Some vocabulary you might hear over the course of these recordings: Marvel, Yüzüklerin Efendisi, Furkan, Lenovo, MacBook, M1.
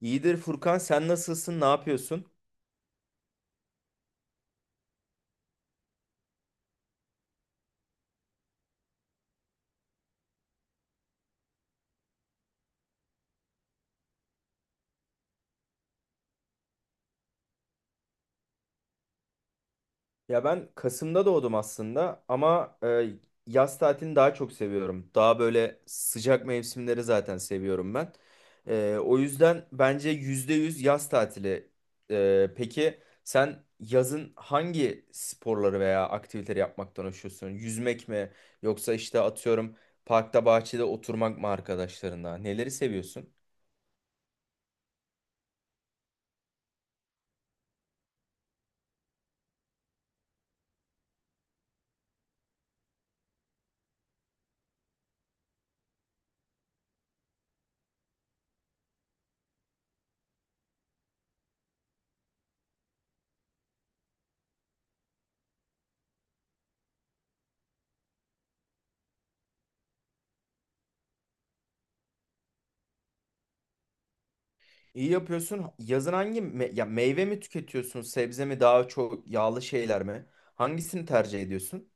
İyidir Furkan, sen nasılsın? Ne yapıyorsun? Ya ben Kasım'da doğdum aslında ama yaz tatilini daha çok seviyorum. Daha böyle sıcak mevsimleri zaten seviyorum ben. O yüzden bence %100 yaz tatili. Peki sen yazın hangi sporları veya aktiviteleri yapmaktan hoşlanıyorsun? Yüzmek mi yoksa işte atıyorum parkta bahçede oturmak mı arkadaşlarınla? Neleri seviyorsun? İyi yapıyorsun. Yazın ya meyve mi tüketiyorsun, sebze mi daha çok yağlı şeyler mi? Hangisini tercih ediyorsun?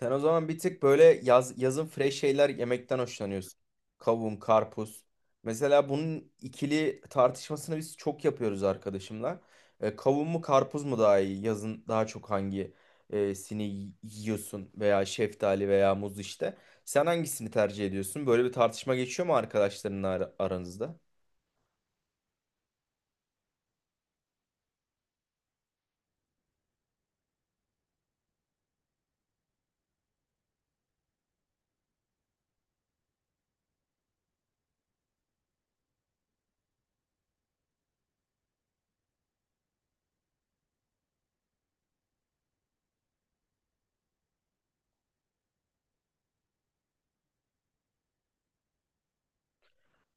Sen o zaman bir tık böyle yazın fresh şeyler yemekten hoşlanıyorsun. Kavun, karpuz. Mesela bunun ikili tartışmasını biz çok yapıyoruz arkadaşımla. Kavun mu karpuz mu daha iyi? Yazın daha çok hangi e, sini y- yiyorsun veya şeftali veya muz işte. Sen hangisini tercih ediyorsun? Böyle bir tartışma geçiyor mu arkadaşlarınla aranızda?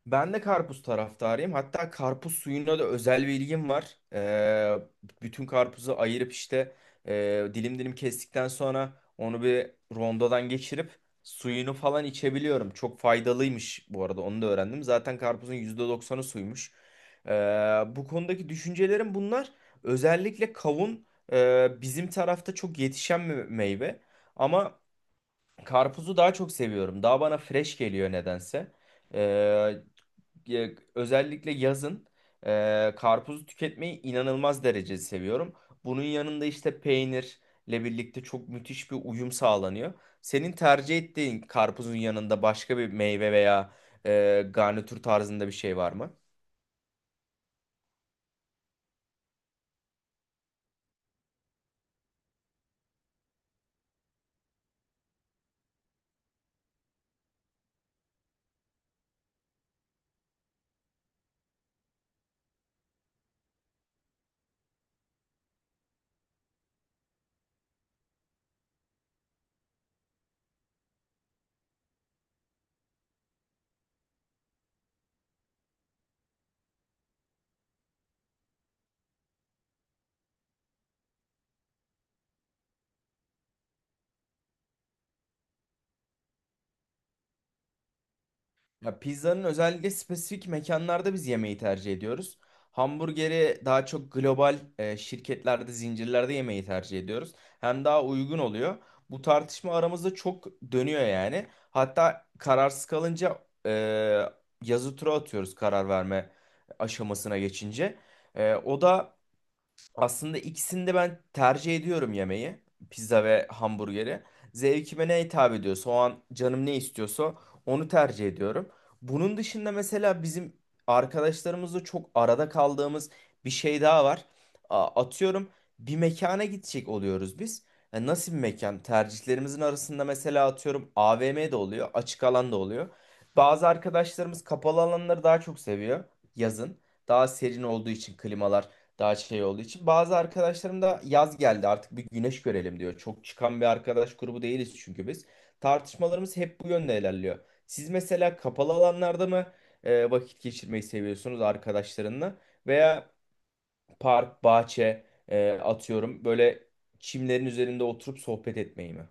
Ben de karpuz taraftarıyım. Hatta karpuz suyuna da özel bir ilgim var. Bütün karpuzu ayırıp işte dilim dilim kestikten sonra onu bir rondodan geçirip suyunu falan içebiliyorum. Çok faydalıymış bu arada, onu da öğrendim. Zaten karpuzun yüzde doksanı suymuş. Ee, Bu konudaki düşüncelerim bunlar. Özellikle kavun bizim tarafta çok yetişen bir meyve. Ama karpuzu daha çok seviyorum. Daha bana fresh geliyor nedense. Ee, Özellikle yazın karpuzu tüketmeyi inanılmaz derecede seviyorum. Bunun yanında işte peynirle birlikte çok müthiş bir uyum sağlanıyor. Senin tercih ettiğin karpuzun yanında başka bir meyve veya garnitür tarzında bir şey var mı? Ya pizzanın özellikle spesifik mekanlarda biz yemeği tercih ediyoruz. Hamburgeri daha çok global şirketlerde, zincirlerde yemeği tercih ediyoruz. Hem daha uygun oluyor. Bu tartışma aramızda çok dönüyor yani. Hatta kararsız kalınca yazı tura atıyoruz karar verme aşamasına geçince. O da aslında, ikisini de ben tercih ediyorum yemeği. Pizza ve hamburgeri. Zevkime ne hitap ediyorsa, o an canım ne istiyorsa onu tercih ediyorum. Bunun dışında mesela bizim arkadaşlarımızla çok arada kaldığımız bir şey daha var. Atıyorum bir mekana gidecek oluyoruz biz. Nasıl bir mekan? Tercihlerimizin arasında mesela atıyorum AVM de oluyor, açık alan da oluyor. Bazı arkadaşlarımız kapalı alanları daha çok seviyor yazın. Daha serin olduğu için, klimalar daha şey olduğu için. Bazı arkadaşlarım da yaz geldi artık bir güneş görelim diyor. Çok çıkan bir arkadaş grubu değiliz çünkü biz. Tartışmalarımız hep bu yönde ilerliyor. Siz mesela kapalı alanlarda mı vakit geçirmeyi seviyorsunuz arkadaşlarınla? Veya park, bahçe, atıyorum böyle çimlerin üzerinde oturup sohbet etmeyi mi?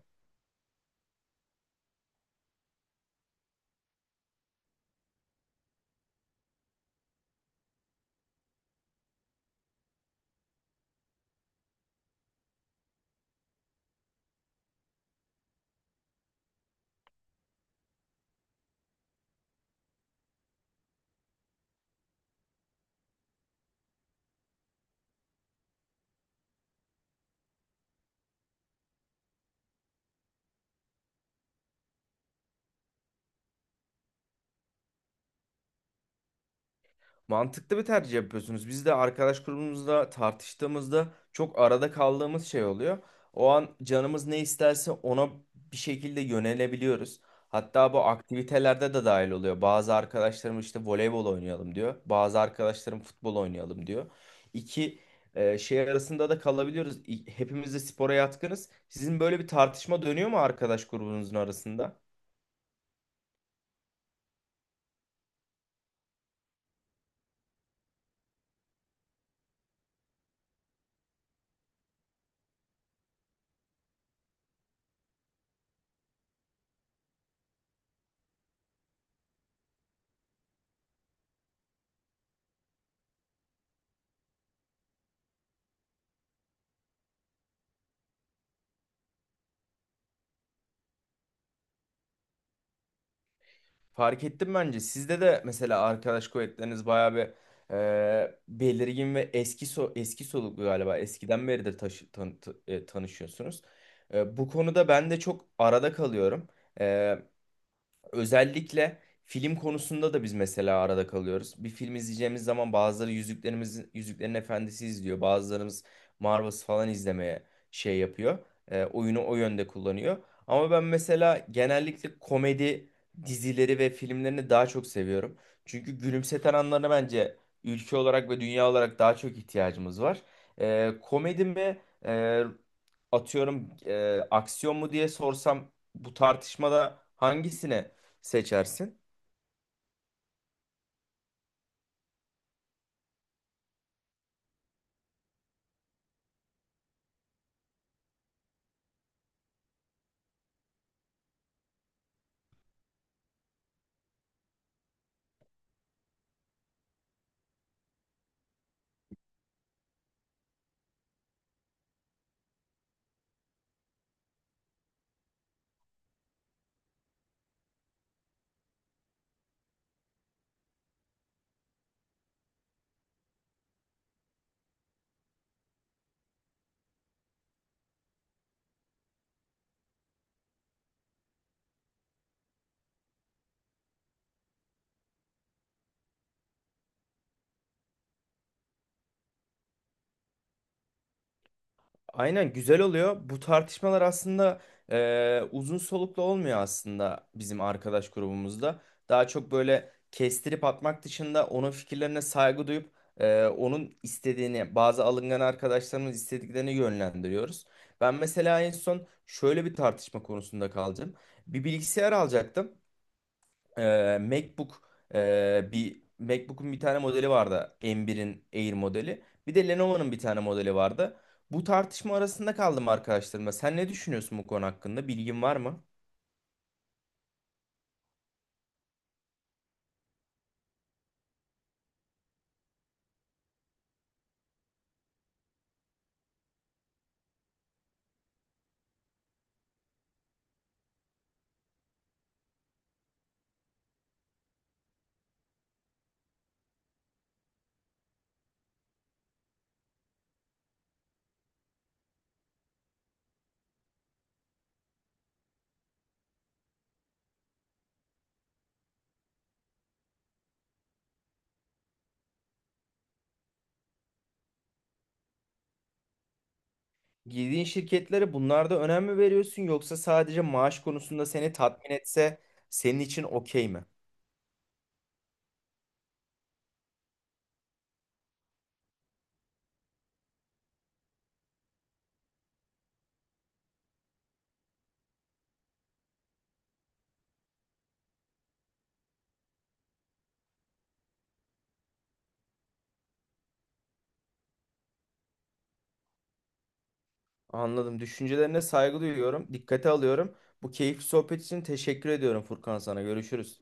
Mantıklı bir tercih yapıyorsunuz. Biz de arkadaş grubumuzda tartıştığımızda çok arada kaldığımız şey oluyor. O an canımız ne isterse ona bir şekilde yönelebiliyoruz. Hatta bu aktivitelerde de dahil oluyor. Bazı arkadaşlarım işte voleybol oynayalım diyor. Bazı arkadaşlarım futbol oynayalım diyor. İki şey arasında da kalabiliyoruz. Hepimiz de spora yatkınız. Sizin böyle bir tartışma dönüyor mu arkadaş grubunuzun arasında? Fark ettim bence. Sizde de mesela arkadaş kuvvetleriniz bayağı bir belirgin ve eski soluklu galiba. Eskiden beridir tanışıyorsunuz. Bu konuda ben de çok arada kalıyorum. E, Özellikle film konusunda da biz mesela arada kalıyoruz. Bir film izleyeceğimiz zaman bazıları Yüzüklerin Efendisi izliyor. Bazılarımız Marvel's falan izlemeye şey yapıyor. Oyunu o yönde kullanıyor. Ama ben mesela genellikle komedi dizileri ve filmlerini daha çok seviyorum. Çünkü gülümseten anlarına bence ülke olarak ve dünya olarak daha çok ihtiyacımız var. Komedi mi e, atıyorum aksiyon mu diye sorsam bu tartışmada hangisine seçersin. Aynen, güzel oluyor. Bu tartışmalar aslında uzun soluklu olmuyor aslında bizim arkadaş grubumuzda. Daha çok böyle kestirip atmak dışında onun fikirlerine saygı duyup onun istediğini, bazı alıngan arkadaşlarımız istediklerini yönlendiriyoruz. Ben mesela en son şöyle bir tartışma konusunda kaldım. Bir bilgisayar alacaktım. e, MacBook Bir MacBook'un bir tane modeli vardı. M1'in Air modeli. Bir de Lenovo'nun bir tane modeli vardı. Bu tartışma arasında kaldım arkadaşlarımla. Sen ne düşünüyorsun bu konu hakkında? Bilgin var mı? Girdiğin şirketlere bunlarda önem mi veriyorsun, yoksa sadece maaş konusunda seni tatmin etse senin için okey mi? Anladım. Düşüncelerine saygı duyuyorum. Dikkate alıyorum. Bu keyifli sohbet için teşekkür ediyorum Furkan sana. Görüşürüz.